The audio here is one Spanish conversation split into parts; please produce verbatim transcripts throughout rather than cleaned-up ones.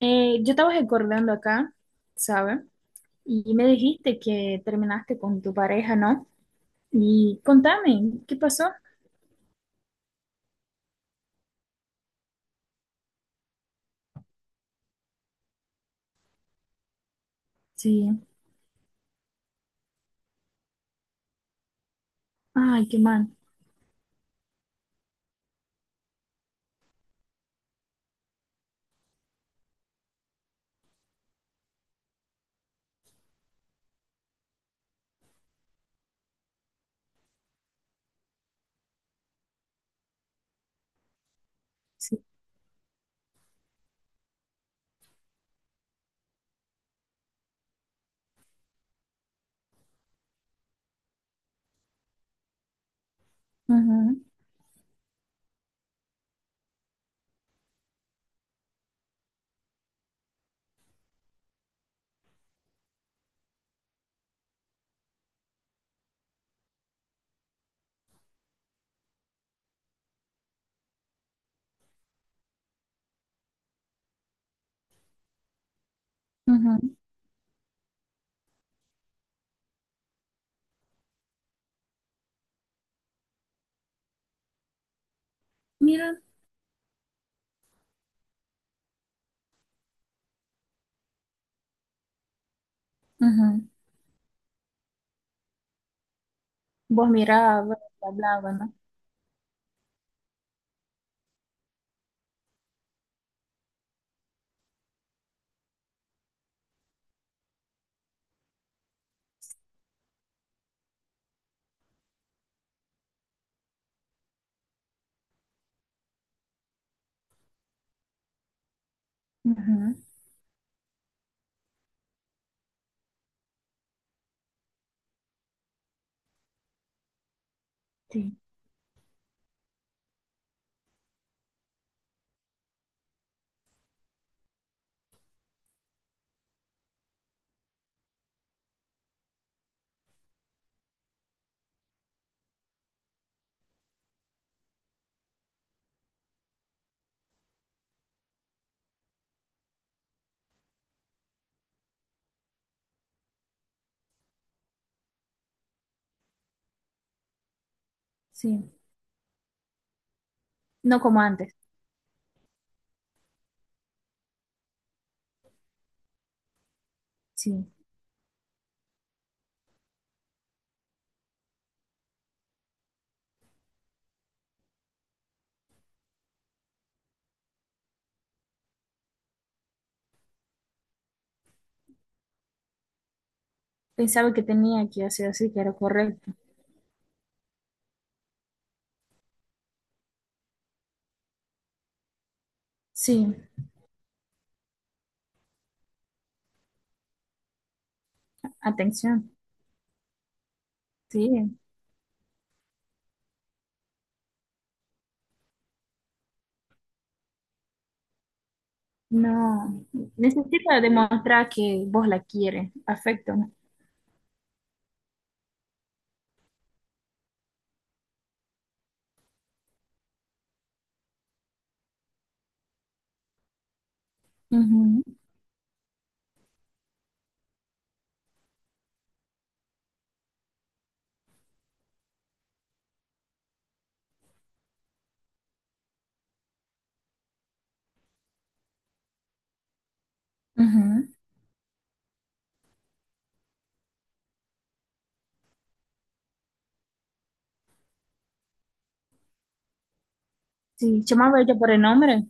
Eh, yo estaba recordando acá, ¿sabes? Y me dijiste que terminaste con tu pareja, ¿no? Y contame, ¿qué pasó? Sí. Ay, qué mal. Sí. Ujú, ujú. Mira. Ujú. Vos mirabas, hablabas, ¿no? Ujú. Sí, sí. No como antes. Sí. Pensaba que tenía que hacer así, que era correcto. Sí. Atención. Sí. No. Necesita demostrar que vos la quieres. Afecto, ¿no? Ujú, ujú. Sí, llamaba ella por el nombre.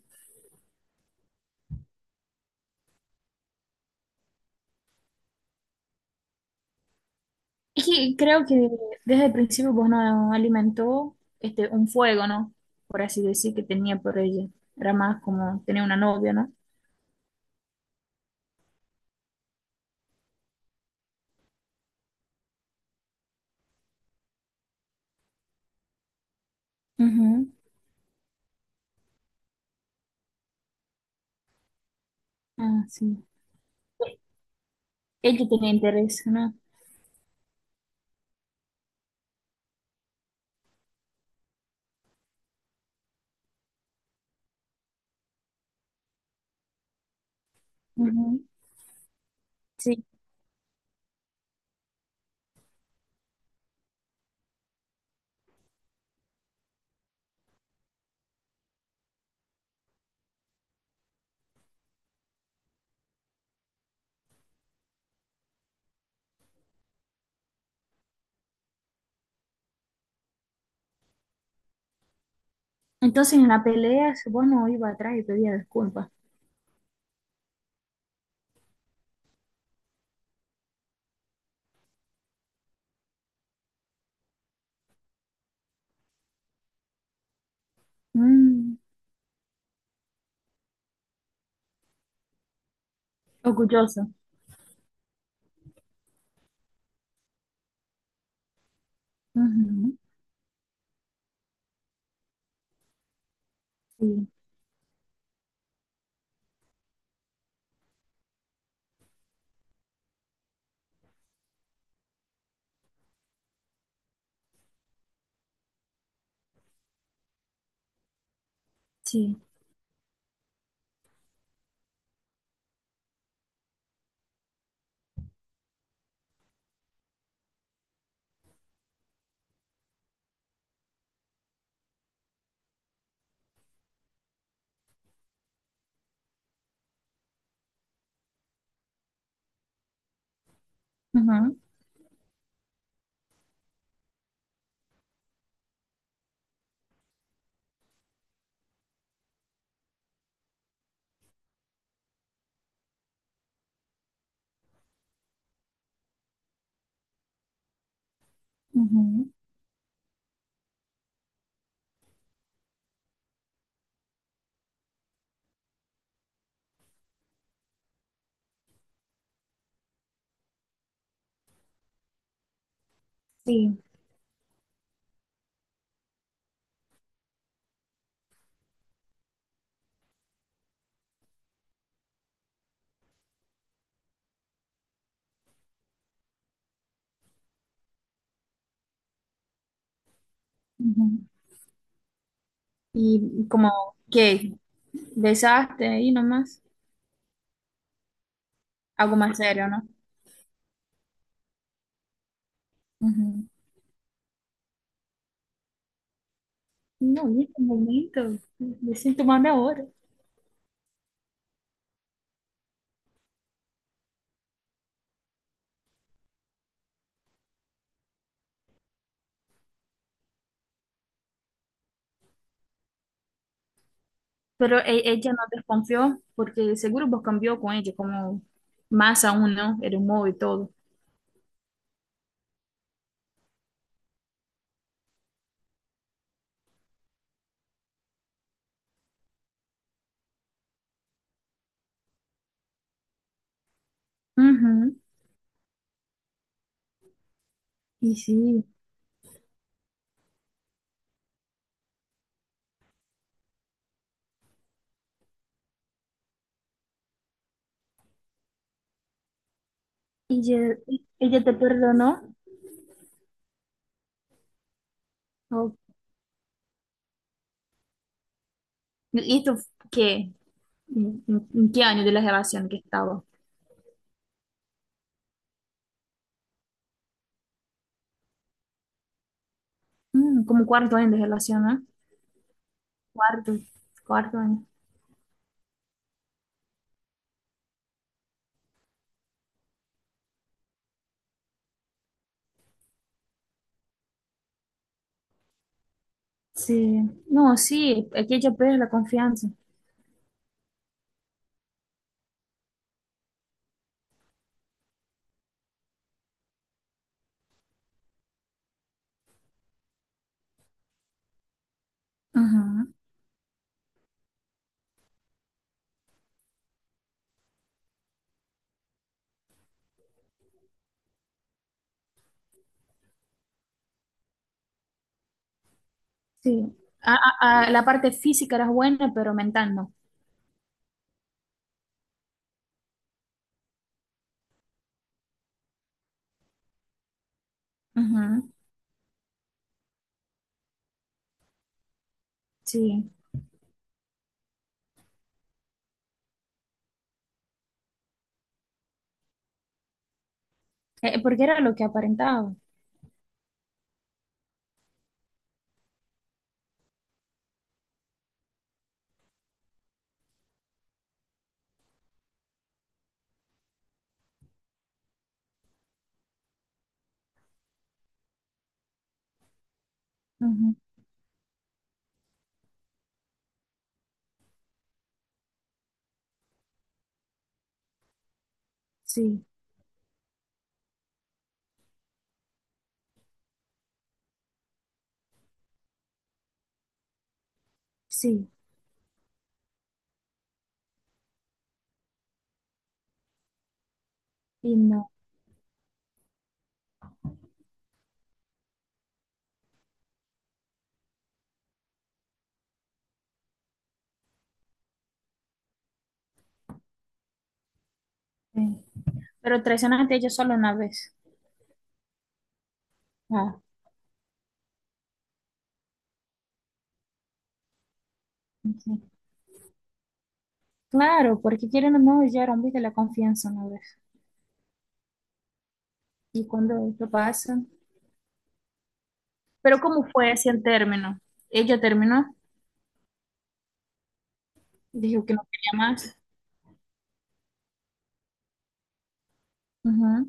Es que creo que desde el principio vos no alimentó este, un fuego, ¿no? Por así decir, que tenía por ella. Era más como tenía una novia, ¿no? Ujú. Ah, sí. Ella tenía interés, ¿no? Ujú. Sí. Entonces en la pelea vos no iba atrás y pedía disculpas. Mm. Orgulloso. Ujú. Sí, sí, ujú, ujú, sí. Ujú. Y como que besaste ahí nomás. Algo más serio, ¿no? Ujú. No, en este momento me siento mal ahora. Pero e- ella no desconfió porque seguro vos cambió con ella, como más aún, ¿no? El humor y todo. Ujú. Y sí, ella, ella te perdonó. ¿O- ¿Y esto qué? ¿En, en- en qué año de la relación que estaba? Mm, como cuarto año de relación, ¿no? Cuarto, cuarto año. Sí. No, sí, es que ella pierde la confianza. Ujú. Sí, a, a- a- la parte física era buena, pero mental no. Ujú. Sí. Eh, porque era lo que aparentaba. Ujú. Sí, sí, y no. Eh, pero traicionaste a ella solo una vez. Ah, ok. Claro, porque quieren o no, ya era un de la confianza una vez. Y cuando esto pasa. Pero ¿cómo fue así el término? Ella terminó, dijo que no quería más. Ujú.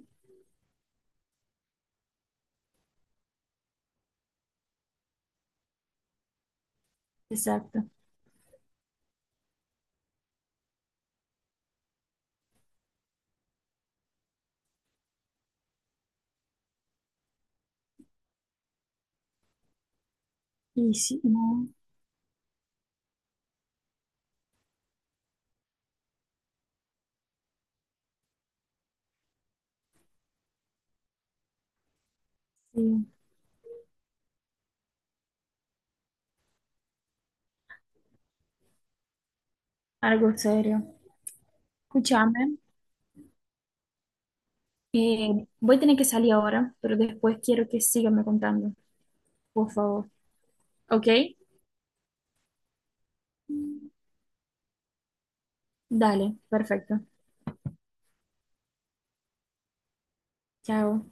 Exacto. Y sí, no, sí, algo serio. Escúchame. Eh, voy a tener que salir ahora, pero después quiero que síganme contando, por favor. ¿Ok? Dale, perfecto. Chao.